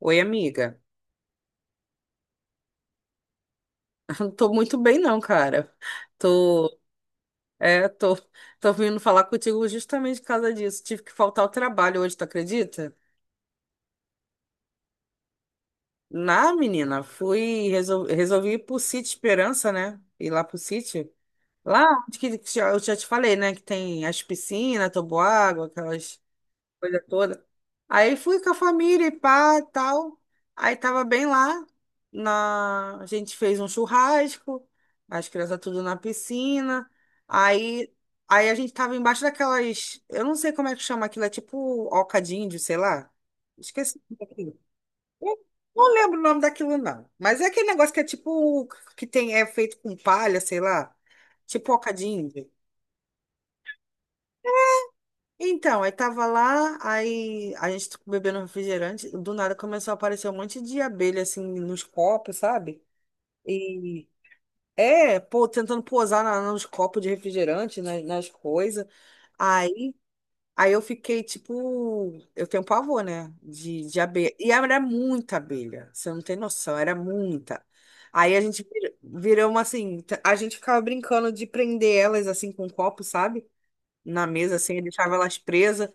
Oi, amiga. Não tô muito bem, não, cara. Tô, é, tô, tô vindo falar contigo justamente por causa disso. Tive que faltar ao trabalho hoje, tu acredita? Na, menina, fui, resolvi ir pro Sítio Esperança, né? Ir lá pro Sítio. Lá, onde que eu já te falei, né? Que tem as piscinas, toboágua, aquelas coisa toda. Aí fui com a família e pá, tal. Aí tava bem lá. A gente fez um churrasco, as crianças tudo na piscina. Aí, aí a gente tava embaixo daquelas. Eu não sei como é que chama aquilo, é tipo oca de índio, sei lá. Esqueci o nome daquilo. Eu não lembro o nome daquilo, não. Mas é aquele negócio que é tipo. Que tem, é feito com palha, sei lá. Tipo oca de índio. Então, aí tava lá, aí a gente bebendo refrigerante, do nada começou a aparecer um monte de abelha, assim, nos copos, sabe? E é, pô, tentando pousar nos copos de refrigerante, nas coisas. Aí, aí eu fiquei, tipo, eu tenho pavor, né? De abelha. E era muita abelha, você não tem noção, era muita. Aí a gente virou uma, assim, a gente ficava brincando de prender elas, assim, com um copo, sabe? Na mesa, assim, e deixava elas presas.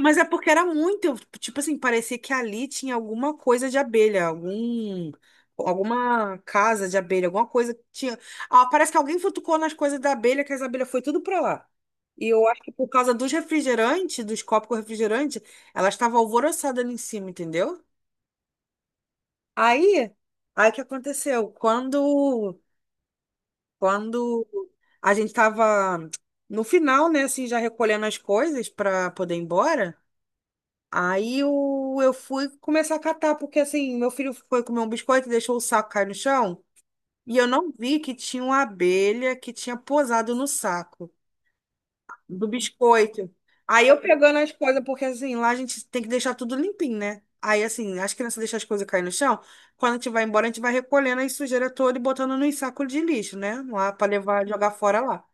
Mas é porque era muito, tipo assim, parecia que ali tinha alguma coisa de abelha, algum, alguma casa de abelha, alguma coisa que tinha. Ah, parece que alguém futucou nas coisas da abelha, que as abelhas foi tudo pra lá. E eu acho que por causa dos refrigerantes, dos copos com refrigerante, ela estava alvoroçada ali em cima, entendeu? Aí, aí o que aconteceu? Quando a gente tava no final, né, assim, já recolhendo as coisas pra poder ir embora. Aí eu fui começar a catar, porque assim, meu filho foi comer um biscoito e deixou o saco cair no chão. E eu não vi que tinha uma abelha que tinha posado no saco do biscoito. Aí eu pegando as coisas, porque assim, lá a gente tem que deixar tudo limpinho, né? Aí assim, as crianças deixam as coisas cair no chão. Quando a gente vai embora, a gente vai recolhendo a sujeira toda e botando nos sacos de lixo, né? Lá pra levar, jogar fora lá.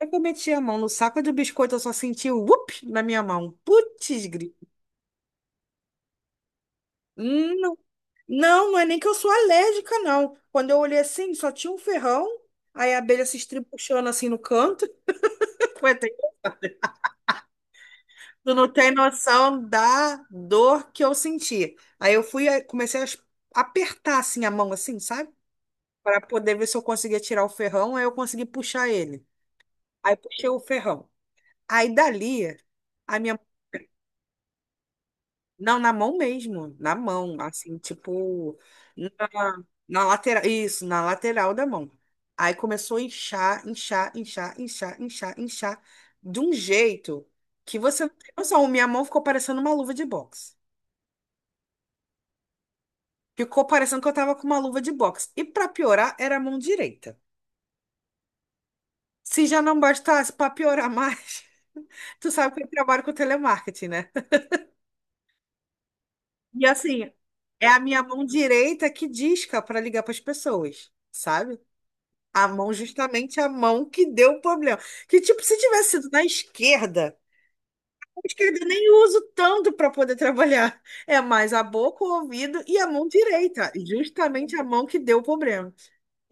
Aí que eu meti a mão no saco do biscoito, eu só senti o whoop na minha mão. Putz, grito. Não, não é nem que eu sou alérgica, não. Quando eu olhei assim, só tinha um ferrão, aí a abelha se estribuchando assim no canto. Coitada. Tu não tem noção da dor que eu senti. Aí eu fui, aí comecei a apertar assim a mão, assim, sabe? Para poder ver se eu conseguia tirar o ferrão, aí eu consegui puxar ele. Aí puxei o ferrão. Aí dali, a minha... Não, na mão mesmo, na mão, assim, tipo, na, na lateral, isso, na lateral da mão. Aí começou a inchar, de um jeito que você não tem noção, minha mão ficou parecendo uma luva de boxe. Ficou parecendo que eu tava com uma luva de boxe. E pra piorar, era a mão direita. Se já não bastasse, pra piorar mais, tu sabe que eu trabalho com telemarketing, né? E assim, é a minha mão direita que disca pra ligar pras pessoas, sabe? A mão, justamente a mão que deu o problema. Que, tipo, se tivesse sido na esquerda, a esquerda nem uso tanto para poder trabalhar. É mais a boca, o ouvido e a mão direita. Justamente a mão que deu o problema.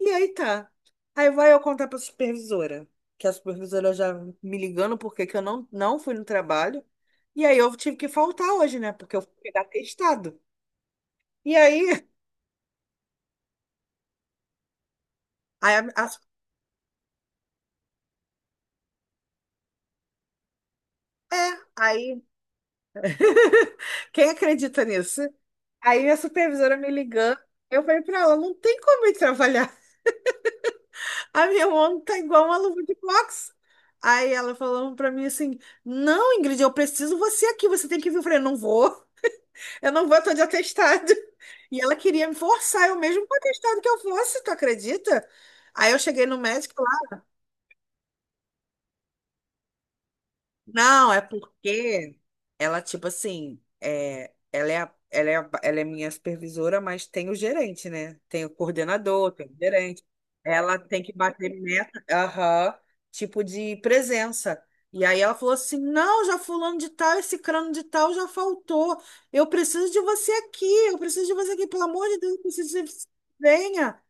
E aí tá. Aí vai eu contar para a supervisora. Que a supervisora já me ligando porque que eu não fui no trabalho. E aí eu tive que faltar hoje, né? Porque eu fui pegar testado. E aí, aí a- é, aí, quem acredita nisso? Aí minha supervisora me ligando, eu falei pra ela, não tem como eu trabalhar. A minha mão tá igual uma luva de boxe. Aí ela falando pra mim assim, não, Ingrid, eu preciso você aqui, você tem que vir. Eu falei, não vou, eu não vou, eu tô de atestado. E ela queria me forçar, eu mesmo com o atestado que eu fosse, tu acredita? Aí eu cheguei no médico. Não, é porque ela, tipo assim, é, ela é minha supervisora, mas tem o gerente, né? Tem o coordenador, tem o gerente. Ela tem que bater meta, aham, tipo de presença. E aí ela falou assim: não, já fulano de tal, esse crano de tal já faltou. Eu preciso de você aqui, eu preciso de você aqui, pelo amor de Deus, eu preciso de você. Venha.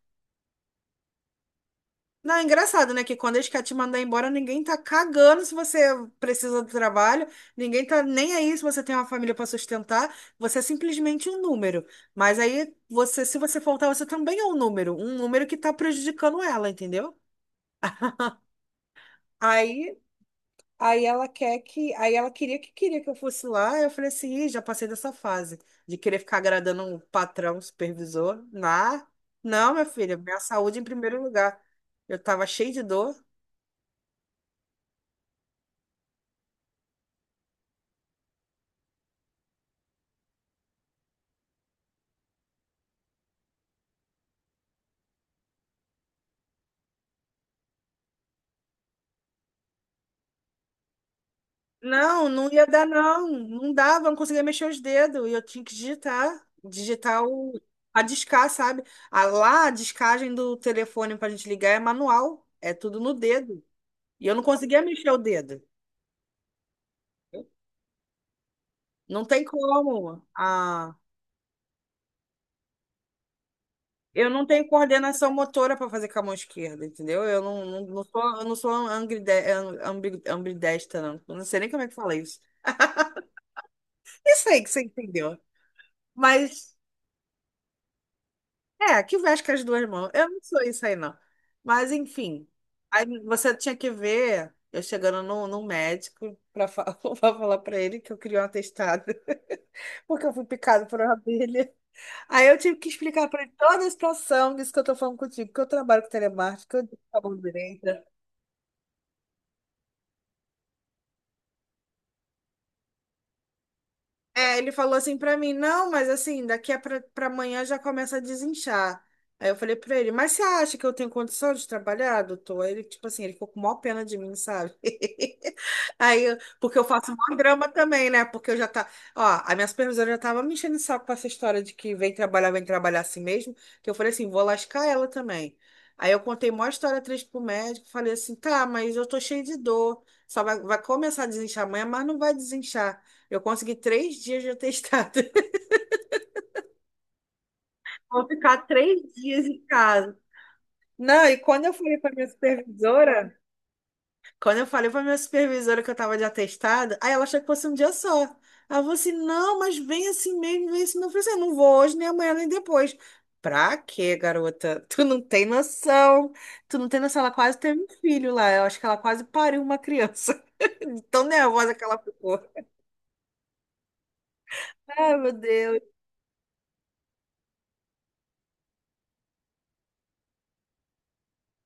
Não, é engraçado, né? Que quando eles querem te mandar embora, ninguém tá cagando se você precisa do trabalho, ninguém tá nem aí se você tem uma família para sustentar, você é simplesmente um número. Mas aí, você, se você faltar, você também é um número que tá prejudicando ela, entendeu? Aí, aí ela queria que eu fosse lá, eu falei assim, Ih, já passei dessa fase de querer ficar agradando um patrão, um supervisor. Nah, não, minha filha, minha saúde em primeiro lugar. Eu tava cheia de dor. Não, não ia dar, não. Não dava, não conseguia mexer os dedos. E eu tinha que digitar. Digitar o, a discar, sabe? A, lá, a discagem do telefone pra gente ligar é manual. É tudo no dedo. E eu não conseguia mexer o dedo. Não tem como. Ah, eu não tenho coordenação motora para fazer com a mão esquerda, entendeu? Eu não sou, eu não sou ambidestra, não. Eu não sei nem como é que fala isso. Isso aí que você entendeu. Mas. É, que veste com as duas mãos. Eu não sou isso aí, não. Mas, enfim. Aí você tinha que ver eu chegando num médico para falar falar para ele que eu queria um atestado, porque eu fui picado por uma abelha. Aí eu tive que explicar para ele toda a situação disso que eu tô falando contigo, que eu trabalho com telemarketing, que eu digo que tá bom direito. É, ele falou assim pra mim, não, mas assim, daqui a pra amanhã já começa a desinchar. Aí eu falei pra ele, mas você acha que eu tenho condição de trabalhar, doutor? Aí ele, tipo assim, ele ficou com maior pena de mim, sabe? Aí, porque eu faço maior drama também, né? Porque eu já tá, ó, a minha supervisora já tava me enchendo o saco com essa história de que vem trabalhar assim mesmo, que eu falei assim, vou lascar ela também. Aí eu contei maior história triste pro médico, falei assim, tá, mas eu tô cheio de dor, só vai, vai começar a desinchar amanhã, mas não vai desinchar. Eu consegui 3 dias de atestado. Vou ficar 3 dias em casa. Não, e quando eu falei para minha supervisora, quando eu falei para minha supervisora que eu estava de atestado, aí ela achou que fosse um dia só. Ela falou assim: não, mas vem assim mesmo, vem assim mesmo. Eu falei assim: eu não vou hoje, nem amanhã, nem depois. Pra quê, garota? Tu não tem noção. Tu não tem noção. Ela quase teve um filho lá. Eu acho que ela quase pariu uma criança. Tão nervosa que ela ficou. Ai, meu Deus.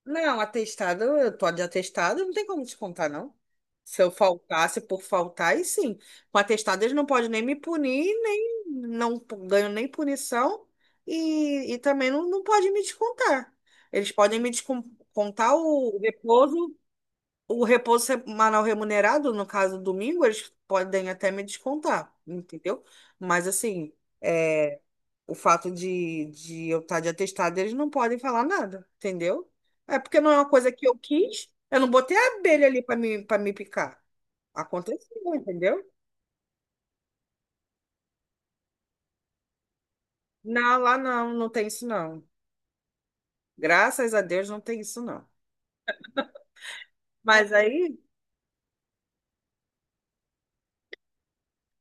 Não, atestado, eu tô de atestado, não tem como descontar, não. Se eu faltasse por faltar, aí sim. Com atestado, eles não podem nem me punir, nem não p- ganho nem punição e também não pode me descontar. Eles podem me descontar o repouso semanal remunerado, no caso domingo, eles podem até me descontar, entendeu? Mas assim. É, o fato de eu estar de atestado, eles não podem falar nada, entendeu? É porque não é uma coisa que eu quis. Eu não botei a abelha ali para me picar. Aconteceu, entendeu? Não, lá não, não tem isso não. Graças a Deus não tem isso não. Mas aí.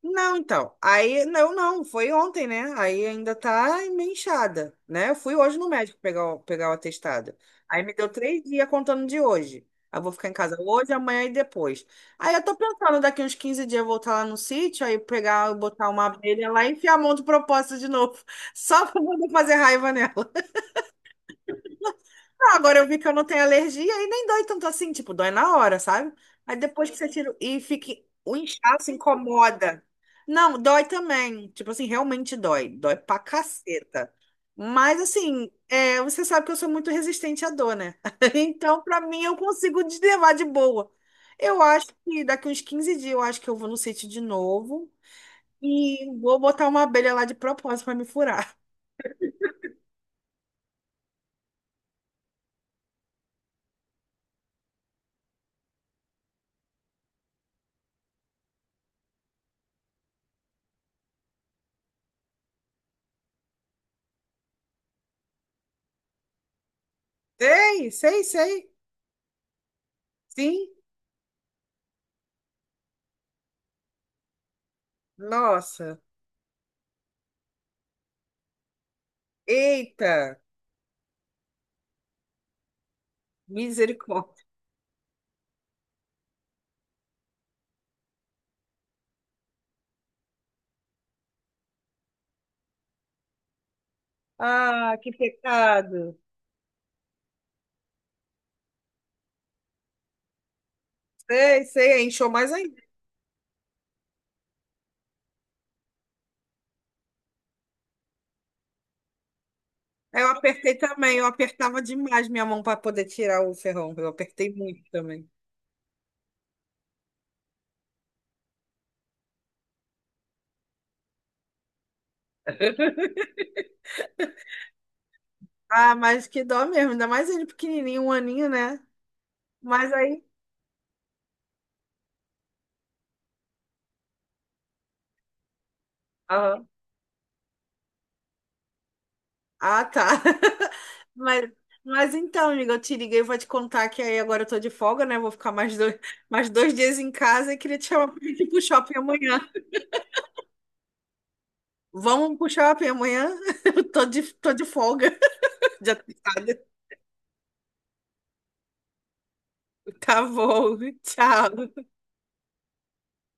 Não, então. Aí, não, não, foi ontem, né? Aí ainda tá meio inchada, né? Eu fui hoje no médico pegar o, pegar o atestado. Aí me deu 3 dias contando de hoje. Aí eu vou ficar em casa hoje, amanhã e depois. Aí eu tô pensando, daqui uns 15 dias eu voltar lá no sítio, aí pegar, botar uma abelha lá e enfiar a mão de propósito de novo. Só pra poder fazer raiva. Não, agora eu vi que eu não tenho alergia e nem dói tanto assim, tipo, dói na hora, sabe? Aí depois que você tira e fica o inchaço incomoda. Não, dói também. Tipo assim, realmente dói. Dói pra caceta. Mas assim, é, você sabe que eu sou muito resistente à dor, né? Então, pra mim, eu consigo levar de boa. Eu acho que daqui uns 15 dias eu acho que eu vou no sítio de novo e vou botar uma abelha lá de propósito pra me furar. Sei, sei, sei. Sim. Nossa. Eita, misericórdia. Ah, que pecado. Sei, sei, aí inchou mais ainda. Aí eu apertei também, eu apertava demais minha mão para poder tirar o ferrão. Eu apertei muito também. Ah, mas que dó mesmo, ainda mais ele pequenininho, um aninho, né? Mas aí. Aham. Ah, tá. Mas, mas então, amiga, eu te liguei, vou te contar que aí agora eu tô de folga, né? Vou ficar mais dois, mais 2 dias em casa e queria te chamar pra gente ir pro shopping amanhã. Vamos pro shopping amanhã? Eu tô de folga. Já tá, tá bom, tchau.